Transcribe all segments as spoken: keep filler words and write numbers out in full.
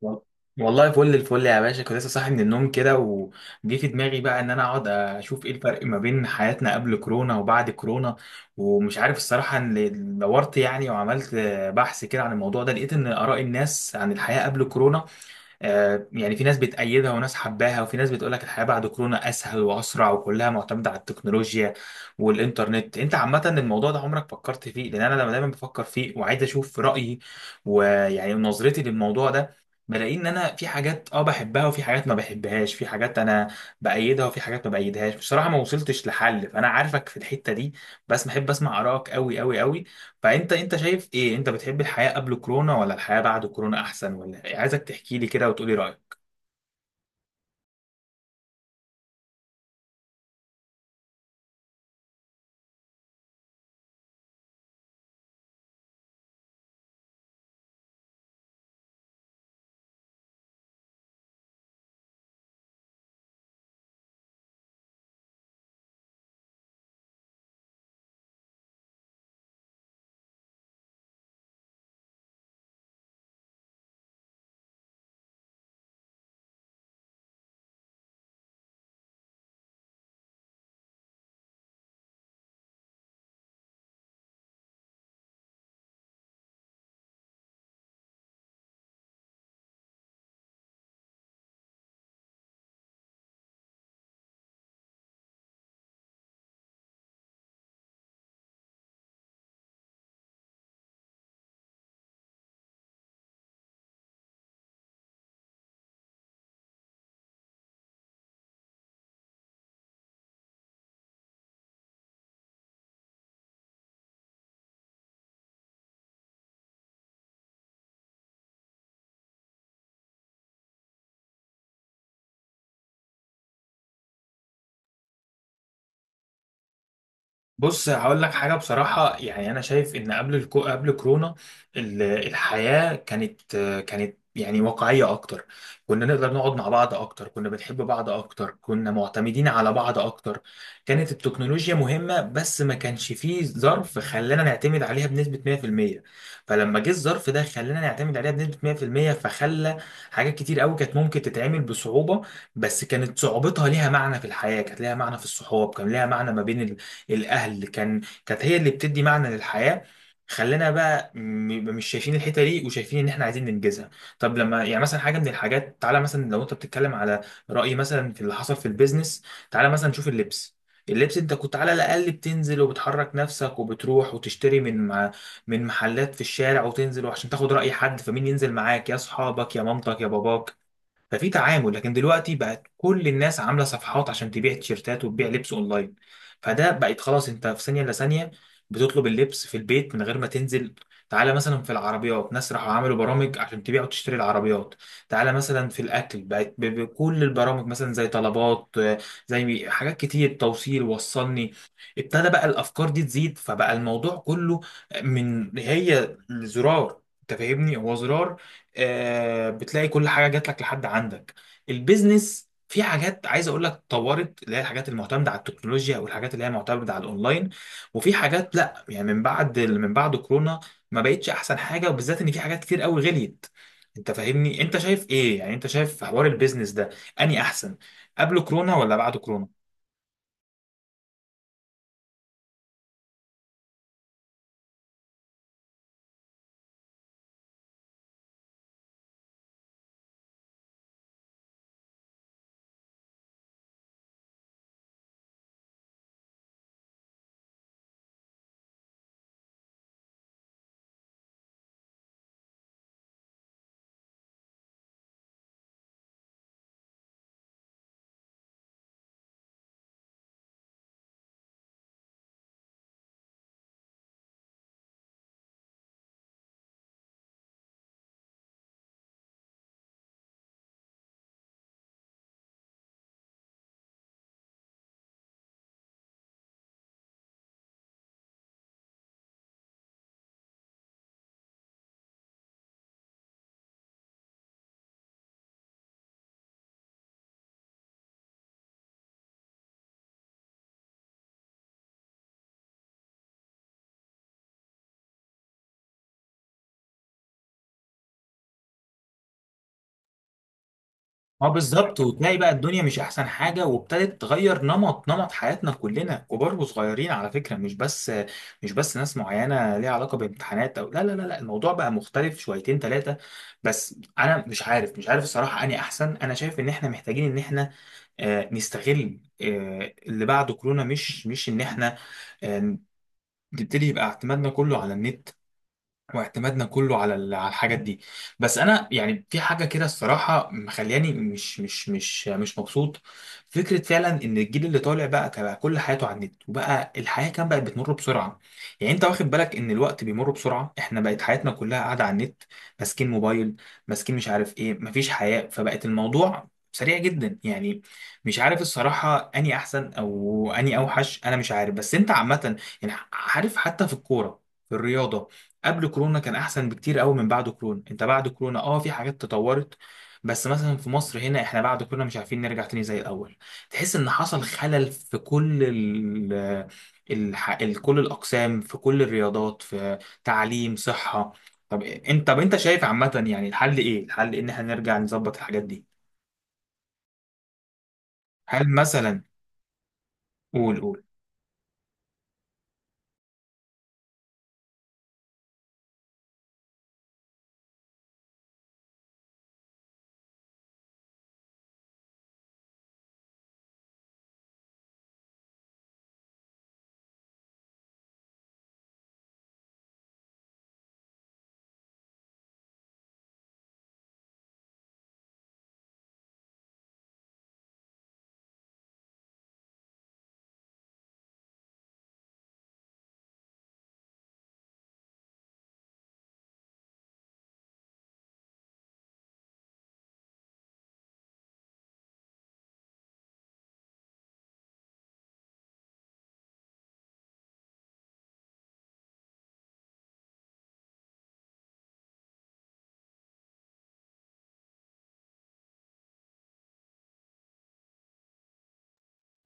وال- والله فل الفل يا باشا، كنت لسه صاحي من النوم كده وجه في دماغي بقى ان انا اقعد اشوف ايه الفرق ما بين حياتنا قبل كورونا وبعد كورونا. ومش عارف الصراحه ان دورت يعني وعملت بحث كده عن الموضوع ده، لقيت ان اراء الناس عن الحياه قبل كورونا، آه، يعني في ناس بتأيدها وناس حباها وفي ناس بتقولك الحياة بعد كورونا أسهل وأسرع وكلها معتمدة على التكنولوجيا والإنترنت. أنت عامة الموضوع ده عمرك فكرت فيه؟ لأن أنا لما دايما بفكر فيه وعايز أشوف رأيي ويعني نظرتي للموضوع ده، بلاقي إن أنا في حاجات أه بحبها وفي حاجات ما بحبهاش، في حاجات أنا بأيدها وفي حاجات ما بأيدهاش. بصراحة ما وصلتش لحل، فأنا عارفك في الحتة دي، بس بحب أسمع آرائك أوي أوي أوي. فانت انت شايف ايه؟ انت بتحب الحياة قبل كورونا ولا الحياة بعد كورونا احسن ولا إيه؟ عايزك تحكي لي كده وتقولي رأيك. بص هقول لك حاجة بصراحة، يعني أنا شايف إن قبل الكو... قبل كورونا، ال- الحياة كانت كانت يعني واقعية أكتر. كنا نقدر نقعد مع بعض أكتر، كنا بنحب بعض أكتر، كنا معتمدين على بعض أكتر. كانت التكنولوجيا مهمة بس ما كانش فيه ظرف خلانا نعتمد عليها بنسبة مية في المية. فلما جه الظرف ده خلانا نعتمد عليها بنسبة مية في المية، فخلى حاجات كتير قوي كانت ممكن تتعمل بصعوبة، بس كانت صعوبتها ليها معنى في الحياة، كانت ليها معنى في الصحاب، كان ليها معنى ما بين ال... الاهل، كان كانت هي اللي بتدي معنى للحياه. خلينا بقى م- مش شايفين الحته دي وشايفين ان احنا عايزين ننجزها. طب لما يعني مثلا حاجه من الحاجات، تعالى مثلا لو انت بتتكلم على راي مثلا في اللي حصل في البيزنس، تعالى مثلا نشوف اللبس. اللبس انت كنت على الاقل بتنزل وبتحرك نفسك وبتروح وتشتري من مع- من محلات في الشارع وتنزل وعشان تاخد راي حد، فمين ينزل معاك؟ يا اصحابك يا مامتك يا باباك، ففي تعامل. لكن دلوقتي بقت كل الناس عامله صفحات عشان تبيع تيشيرتات وتبيع لبس اونلاين، فده بقت خلاص انت في ثانيه الا ثانيه بتطلب اللبس في البيت من غير ما تنزل. تعالى مثلا في العربيات، ناس راحوا عملوا برامج عشان تبيع وتشتري العربيات. تعالى مثلا في الاكل، بقت ب- بكل البرامج مثلا زي طلبات، آه، زي حاجات كتير توصيل وصلني. ابتدى بقى الافكار دي تزيد، فبقى الموضوع كله من هي زرار، انت فاهمني؟ هو زرار، آه، بتلاقي كل حاجه جات لك لحد عندك. البيزنس في حاجات عايز اقول لك طورت، اللي هي الحاجات المعتمده على التكنولوجيا او الحاجات اللي هي معتمده على الاونلاين، وفي حاجات لا، يعني من بعد من بعد كورونا ما بقتش احسن حاجه، وبالذات ان في حاجات كتير قوي غليت. انت فاهمني؟ انت شايف ايه يعني؟ انت شايف في حوار البيزنس ده اني احسن قبل كورونا ولا بعد كورونا؟ اه بالظبط. وتلاقي بقى الدنيا مش احسن حاجه وابتدت تغير نمط نمط حياتنا كلنا كبار وصغيرين، على فكره مش بس مش بس ناس معينه ليها علاقه بامتحانات او لا لا لا لا، الموضوع بقى مختلف شويتين ثلاثه. بس انا مش عارف مش عارف الصراحه اني احسن. انا شايف ان احنا محتاجين ان احنا آه، نستغل آه، اللي بعد كورونا، مش مش ان احنا آه، نبتدي يبقى اعتمادنا كله على النت واعتمادنا كله على ال- على الحاجات دي. بس انا يعني في حاجه كده الصراحه مخلياني مش مش مش مش مبسوط. فكره فعلا ان الجيل اللي طالع بقى بقى كل حياته على النت، وبقى الحياه كان بقت بتمر بسرعه. يعني انت واخد بالك ان الوقت بيمر بسرعه؟ احنا بقت حياتنا كلها قاعده على النت، ماسكين موبايل، ماسكين مش عارف ايه، مفيش حياه، فبقت الموضوع سريع جدا يعني. مش عارف الصراحه اني احسن او اني اوحش، انا مش عارف. بس انت عامه، يعني عارف، حتى في الكوره، في الرياضه قبل كورونا كان احسن بكتير قوي من بعد كورونا. انت بعد كورونا اه في حاجات تطورت، بس مثلا في مصر هنا احنا بعد كورونا مش عارفين نرجع تاني زي الاول. تحس ان حصل خلل في كل ال الح... ال- كل الاقسام، في كل الرياضات، في تعليم، صحة. طب انت طب انت شايف عامة، يعني الحل ايه؟ الحل ان احنا نرجع نظبط الحاجات دي، هل مثلا. قول قول.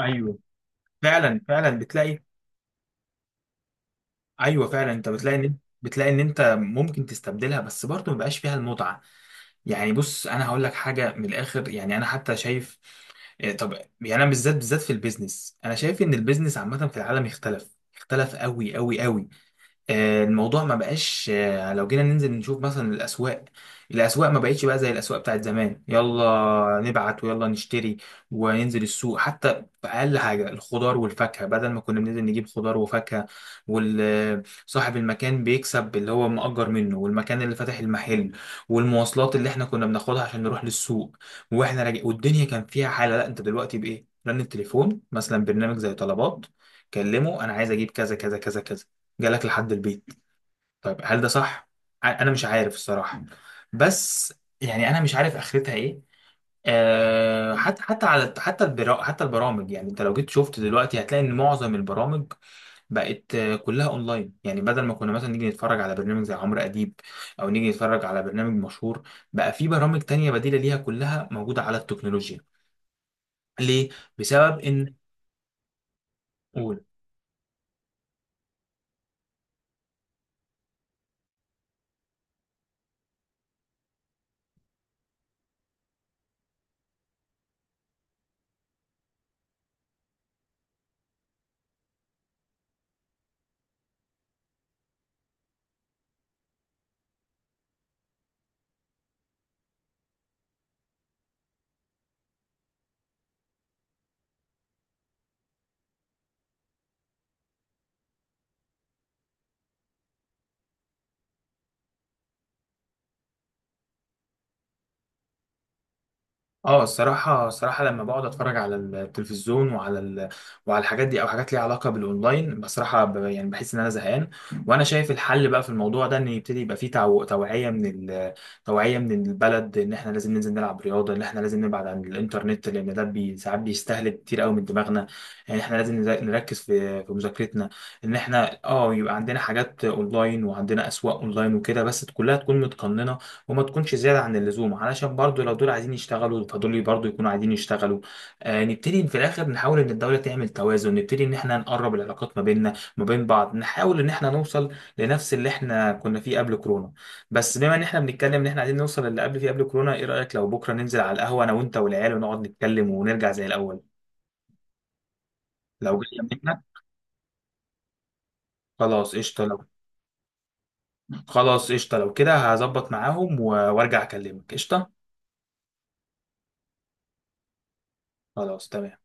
ايوه فعلا فعلا بتلاقي. ايوه فعلا انت بتلاقي ان بتلاقي ان انت ممكن تستبدلها، بس برضه ما بقاش فيها المتعة. يعني بص انا هقول لك حاجه من الاخر، يعني انا حتى شايف إيه، طب، يعني انا بالذات بالذات في البيزنس، انا شايف ان البيزنس عامه في العالم اختلف اختلف قوي قوي قوي. آه، الموضوع ما بقاش، آه، لو جينا ننزل نشوف مثلا الأسواق، الأسواق ما بقتش بقى زي الأسواق بتاعت زمان. يلا نبعت ويلا نشتري وننزل السوق حتى بأقل حاجة، الخضار والفاكهة. بدل ما كنا بننزل نجيب خضار وفاكهة وصاحب المكان بيكسب اللي هو مأجر منه، والمكان اللي فاتح المحل، والمواصلات اللي احنا كنا بناخدها عشان نروح للسوق واحنا راجع، والدنيا كان فيها حالة، لا، انت دلوقتي بإيه؟ رن التليفون، مثلا برنامج زي طلبات، كلمه انا عايز اجيب كذا كذا كذا كذا، جالك لحد البيت. طيب هل ده صح؟ ع- انا مش عارف الصراحه، بس يعني انا مش عارف اخرتها ايه. أه حتى حتى على حتى البرا حتى البرامج، يعني انت لو جيت شفت دلوقتي هتلاقي ان معظم البرامج بقت آه، كلها اونلاين. يعني بدل ما كنا مثلا نيجي نتفرج على برنامج زي عمرو اديب او نيجي نتفرج على برنامج مشهور، بقى في برامج تانية بديلة ليها كلها موجودة على التكنولوجيا. ليه؟ بسبب ان. قول. اه، الصراحة الصراحة لما بقعد اتفرج على التلفزيون وعلى ال... وعلى الحاجات دي او حاجات ليها علاقة بالاونلاين، بصراحة ب... يعني بحس ان انا زهقان. وانا شايف الحل بقى في الموضوع ده، ان يبتدي يبقى فيه توع... توعية من ال... توعية من البلد، ان احنا لازم ننزل نلعب رياضة، ان احنا لازم نبعد عن الانترنت لان ده بي... ساعات بيستهلك كتير قوي من دماغنا. يعني احنا لازم نز- نركز في في مذاكرتنا. ان احنا اه يبقى عندنا حاجات اونلاين وعندنا اسواق اونلاين وكده بس كلها تكون متقننة وما تكونش زيادة عن اللزوم، علشان برضو لو دول عايزين يشتغلوا فدول برضو يكونوا عايزين يشتغلوا. آه نبتدي في الآخر نحاول إن الدولة تعمل توازن، نبتدي إن إحنا نقرب العلاقات ما بيننا ما بين بعض، نحاول إن إحنا نوصل لنفس اللي إحنا كنا فيه قبل كورونا. بس بما إن إحنا بنتكلم إن إحنا عايزين نوصل للي قبل فيه قبل كورونا، إيه رأيك لو بكرة ننزل على القهوة أنا وأنت والعيال ونقعد نتكلم ونرجع زي الأول؟ لو جاية منك. خلاص قشطة لو خلاص قشطة لو كده هظبط معاهم و- وارجع أكلمك. قشطة، خلاص تمام.